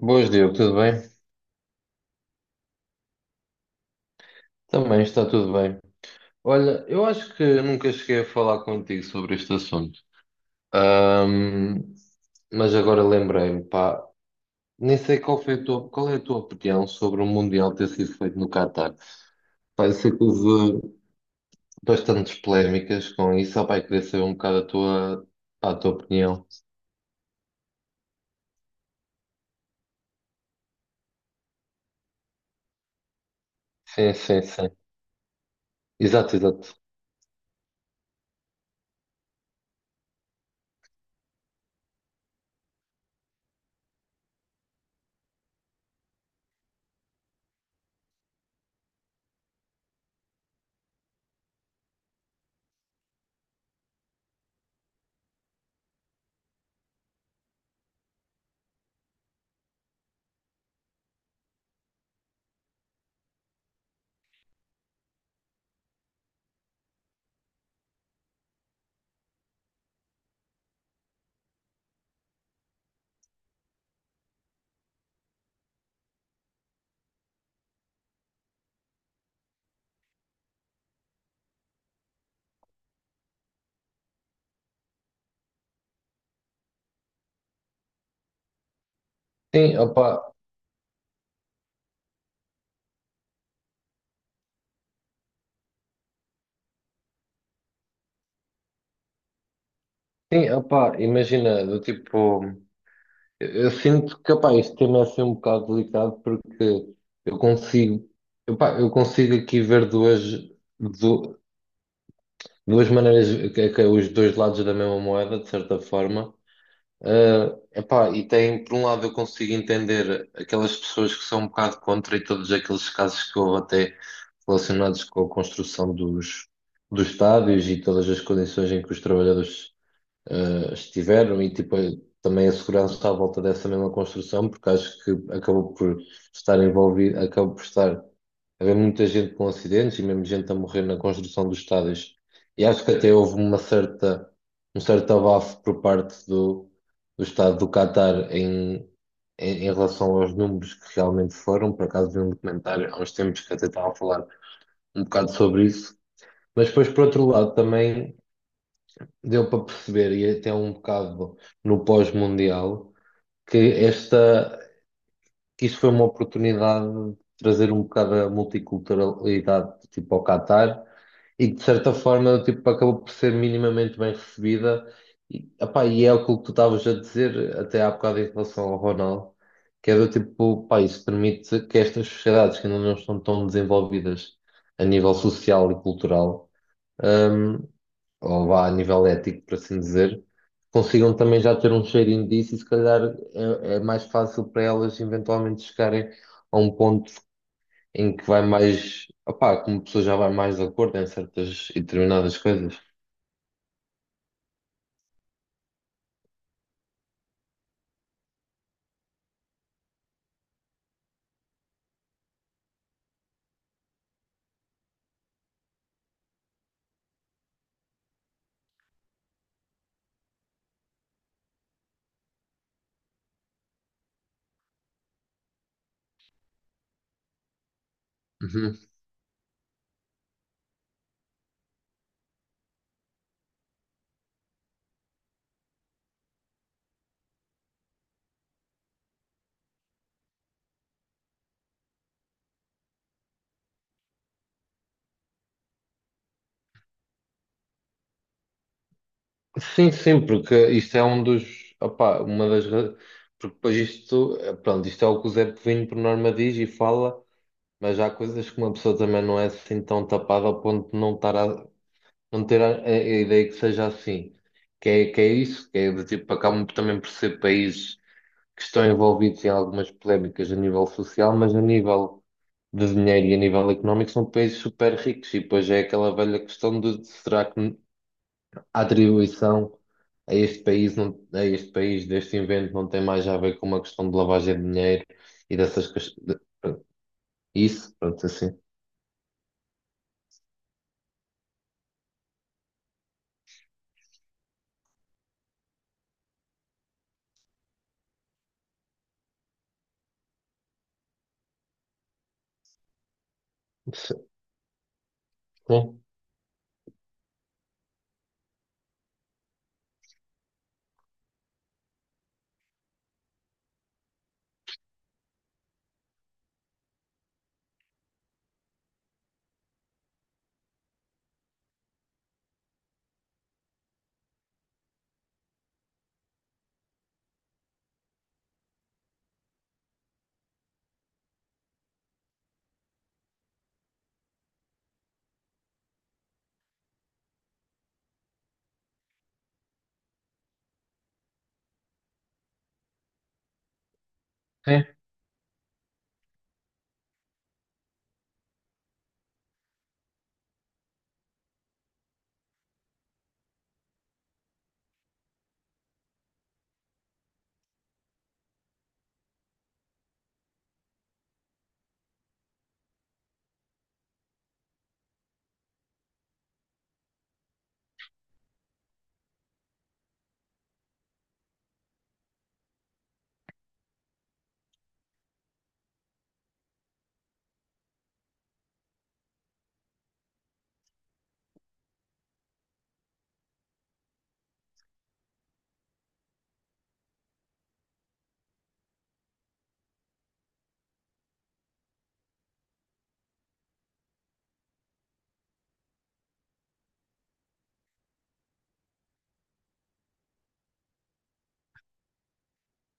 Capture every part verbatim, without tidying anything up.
Boas, Diogo, tudo bem? Também está tudo bem. Olha, eu acho que nunca cheguei a falar contigo sobre este assunto. Ahm, mas agora lembrei-me, pá, nem sei qual foi a tua, qual é a tua opinião sobre o Mundial ter sido feito no Qatar. Pá, eu sei que houve bastantes polémicas com isso, só pá, eu queria saber um bocado a tua, pá, a tua opinião. Sim, sim, sim. Exato, exato. Sim, opá, sim, opá, imagina, do tipo. Eu sinto que, opá, este tema é assim um bocado delicado porque eu consigo, opá, eu consigo aqui ver duas, du- duas maneiras, que- que é os dois lados da mesma moeda, de certa forma. Ah, epá, e tem, por um lado, eu consigo entender aquelas pessoas que são um bocado contra e todos aqueles casos que houve até relacionados com a construção dos, dos estádios e todas as condições em que os trabalhadores eh, estiveram e tipo, eh, também a segurança à volta dessa mesma construção, porque acho que acabou por estar envolvido, acabou por estar haver muita gente com acidentes e mesmo gente a morrer na construção dos estádios. E acho que até houve uma certa, um certo abafo por parte do, do Estado do Qatar em, em, em relação aos números que realmente foram. Por acaso vi um documentário há uns tempos que até estava a falar um bocado sobre isso. Mas depois, por outro lado, também deu para perceber, e até um bocado no pós-mundial, que esta, que isto foi uma oportunidade de trazer um bocado a multiculturalidade tipo ao Qatar e que de certa forma tipo, acabou por ser minimamente bem recebida. E, epá, e é aquilo que tu estavas a dizer até há bocado em relação ao Ronaldo, que é do tipo, pá, isso permite que estas sociedades que ainda não estão tão desenvolvidas a nível social e cultural hum, ou vá a nível ético, por assim dizer, consigam também já ter um cheirinho disso e se calhar é, é mais fácil para elas eventualmente chegarem a um ponto em que vai mais, opá, como a pessoa já vai mais de acordo em certas e determinadas coisas. Uhum. Sim, sim, porque isto é um dos, opá, uma das, ra- porque depois isto, eh, pronto, isto é o que o Zé Povinho por norma diz e fala, mas há coisas que uma pessoa também não é assim tão tapada ao ponto de não estar a, não ter a, a- a ideia que seja assim. Que é, que é isso, que é do tipo, acabam também por ser países que estão envolvidos em algumas polémicas a nível social, mas a nível de dinheiro e a nível económico são países super ricos. E depois é aquela velha questão de será que a atribuição a este país, não, a este país deste invento não tem mais a ver com uma questão de lavagem de dinheiro e dessas questões. Isso, pronto, assim. Sim, sim.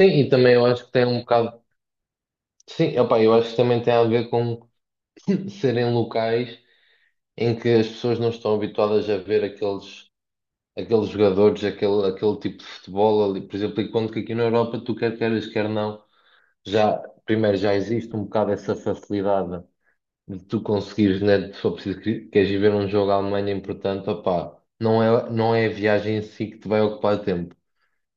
Sim, e também eu acho que tem um bocado. Sim, opá, eu acho que também tem a ver com serem locais em que as pessoas não estão habituadas a ver aqueles, aqueles jogadores, aquele, aquele tipo de futebol ali. Por exemplo, enquanto que aqui na Europa, tu quer queiras, quer não, já, primeiro já existe um bocado essa facilidade de tu conseguires, né, se for preciso, que- queres ir ver um jogo à Alemanha importante, opá, não é, não é a viagem em si que te vai ocupar tempo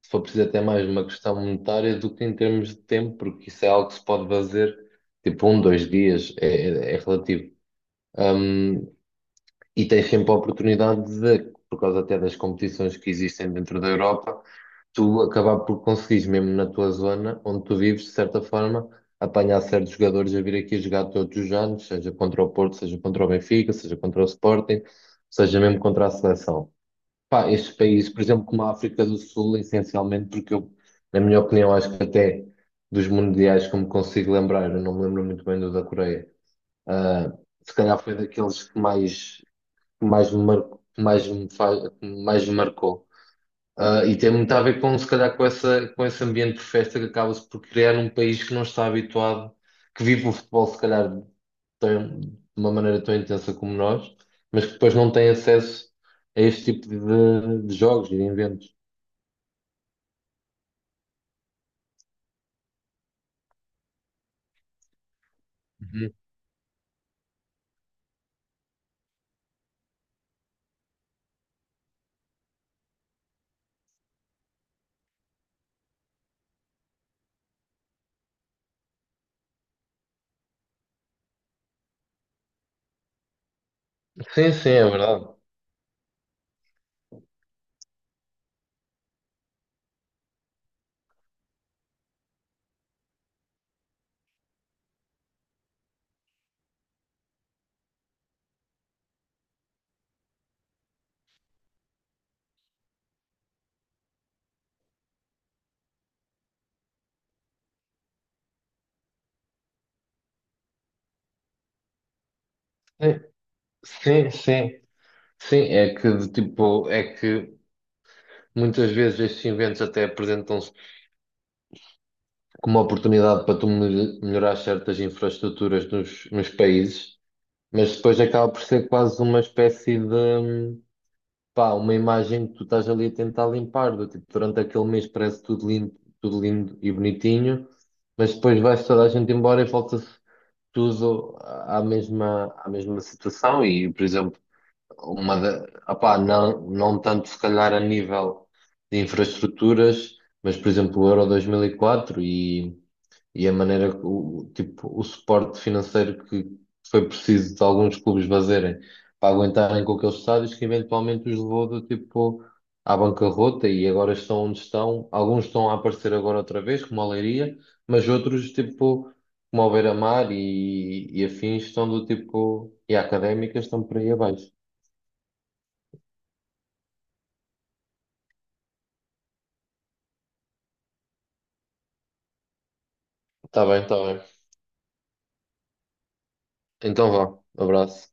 se for preciso até mais uma questão monetária do que em termos de tempo, porque isso é algo que se pode fazer tipo um, dois dias, é, é- é relativo. Um, e tens sempre a oportunidade de, por causa até das competições que existem dentro da Europa, tu acabar por conseguires, mesmo na tua zona onde tu vives, de certa forma, apanhar certos jogadores a vir aqui jogar todos os anos, seja contra o Porto, seja contra o Benfica, seja contra o Sporting, seja mesmo contra a seleção. Pá, estes países, por exemplo, como a África do Sul, essencialmente, porque eu, na minha opinião, acho que até dos mundiais, como consigo lembrar, eu não me lembro muito bem do da Coreia, ah, se calhar foi daqueles que mais, que mais me marcou, mais me faz, que mais me marcou. Ah, e tem muito a ver com, se calhar, com essa, com esse ambiente de festa que acaba-se por criar num país que não está habituado, que vive o futebol, se calhar, tão- de uma maneira tão intensa como nós, mas que depois não tem acesso a este tipo de, de jogos e de eventos. Uhum. Sim, sim, é verdade. Sim, sim, sim. Sim, é que, de tipo, é que muitas vezes estes eventos até apresentam-se como uma oportunidade para tu mel- melhorar certas infraestruturas nos, nos países. Mas depois acaba por ser quase uma espécie de, pá, uma imagem que tu estás ali a tentar limpar, do tipo, durante aquele mês parece tudo lindo, tudo lindo e bonitinho, mas depois vai-se toda a gente embora e volta-se tudo à à mesma, à mesma situação e, por exemplo, uma da, opá, não, não tanto se calhar a nível de infraestruturas, mas, por exemplo, o Euro dois mil e quatro e quatro e e a maneira, que o, tipo, o suporte financeiro que foi preciso de alguns clubes fazerem para aguentarem com aqueles estádios que eventualmente os levou do tipo à bancarrota e agora estão onde estão. Alguns estão a aparecer agora outra vez, como a Leiria, mas outros, tipo, como o Beira-Mar e, e afins, estão do tipo, e a Académica estão por aí abaixo. Está bem, está bem. Então vá, abraço.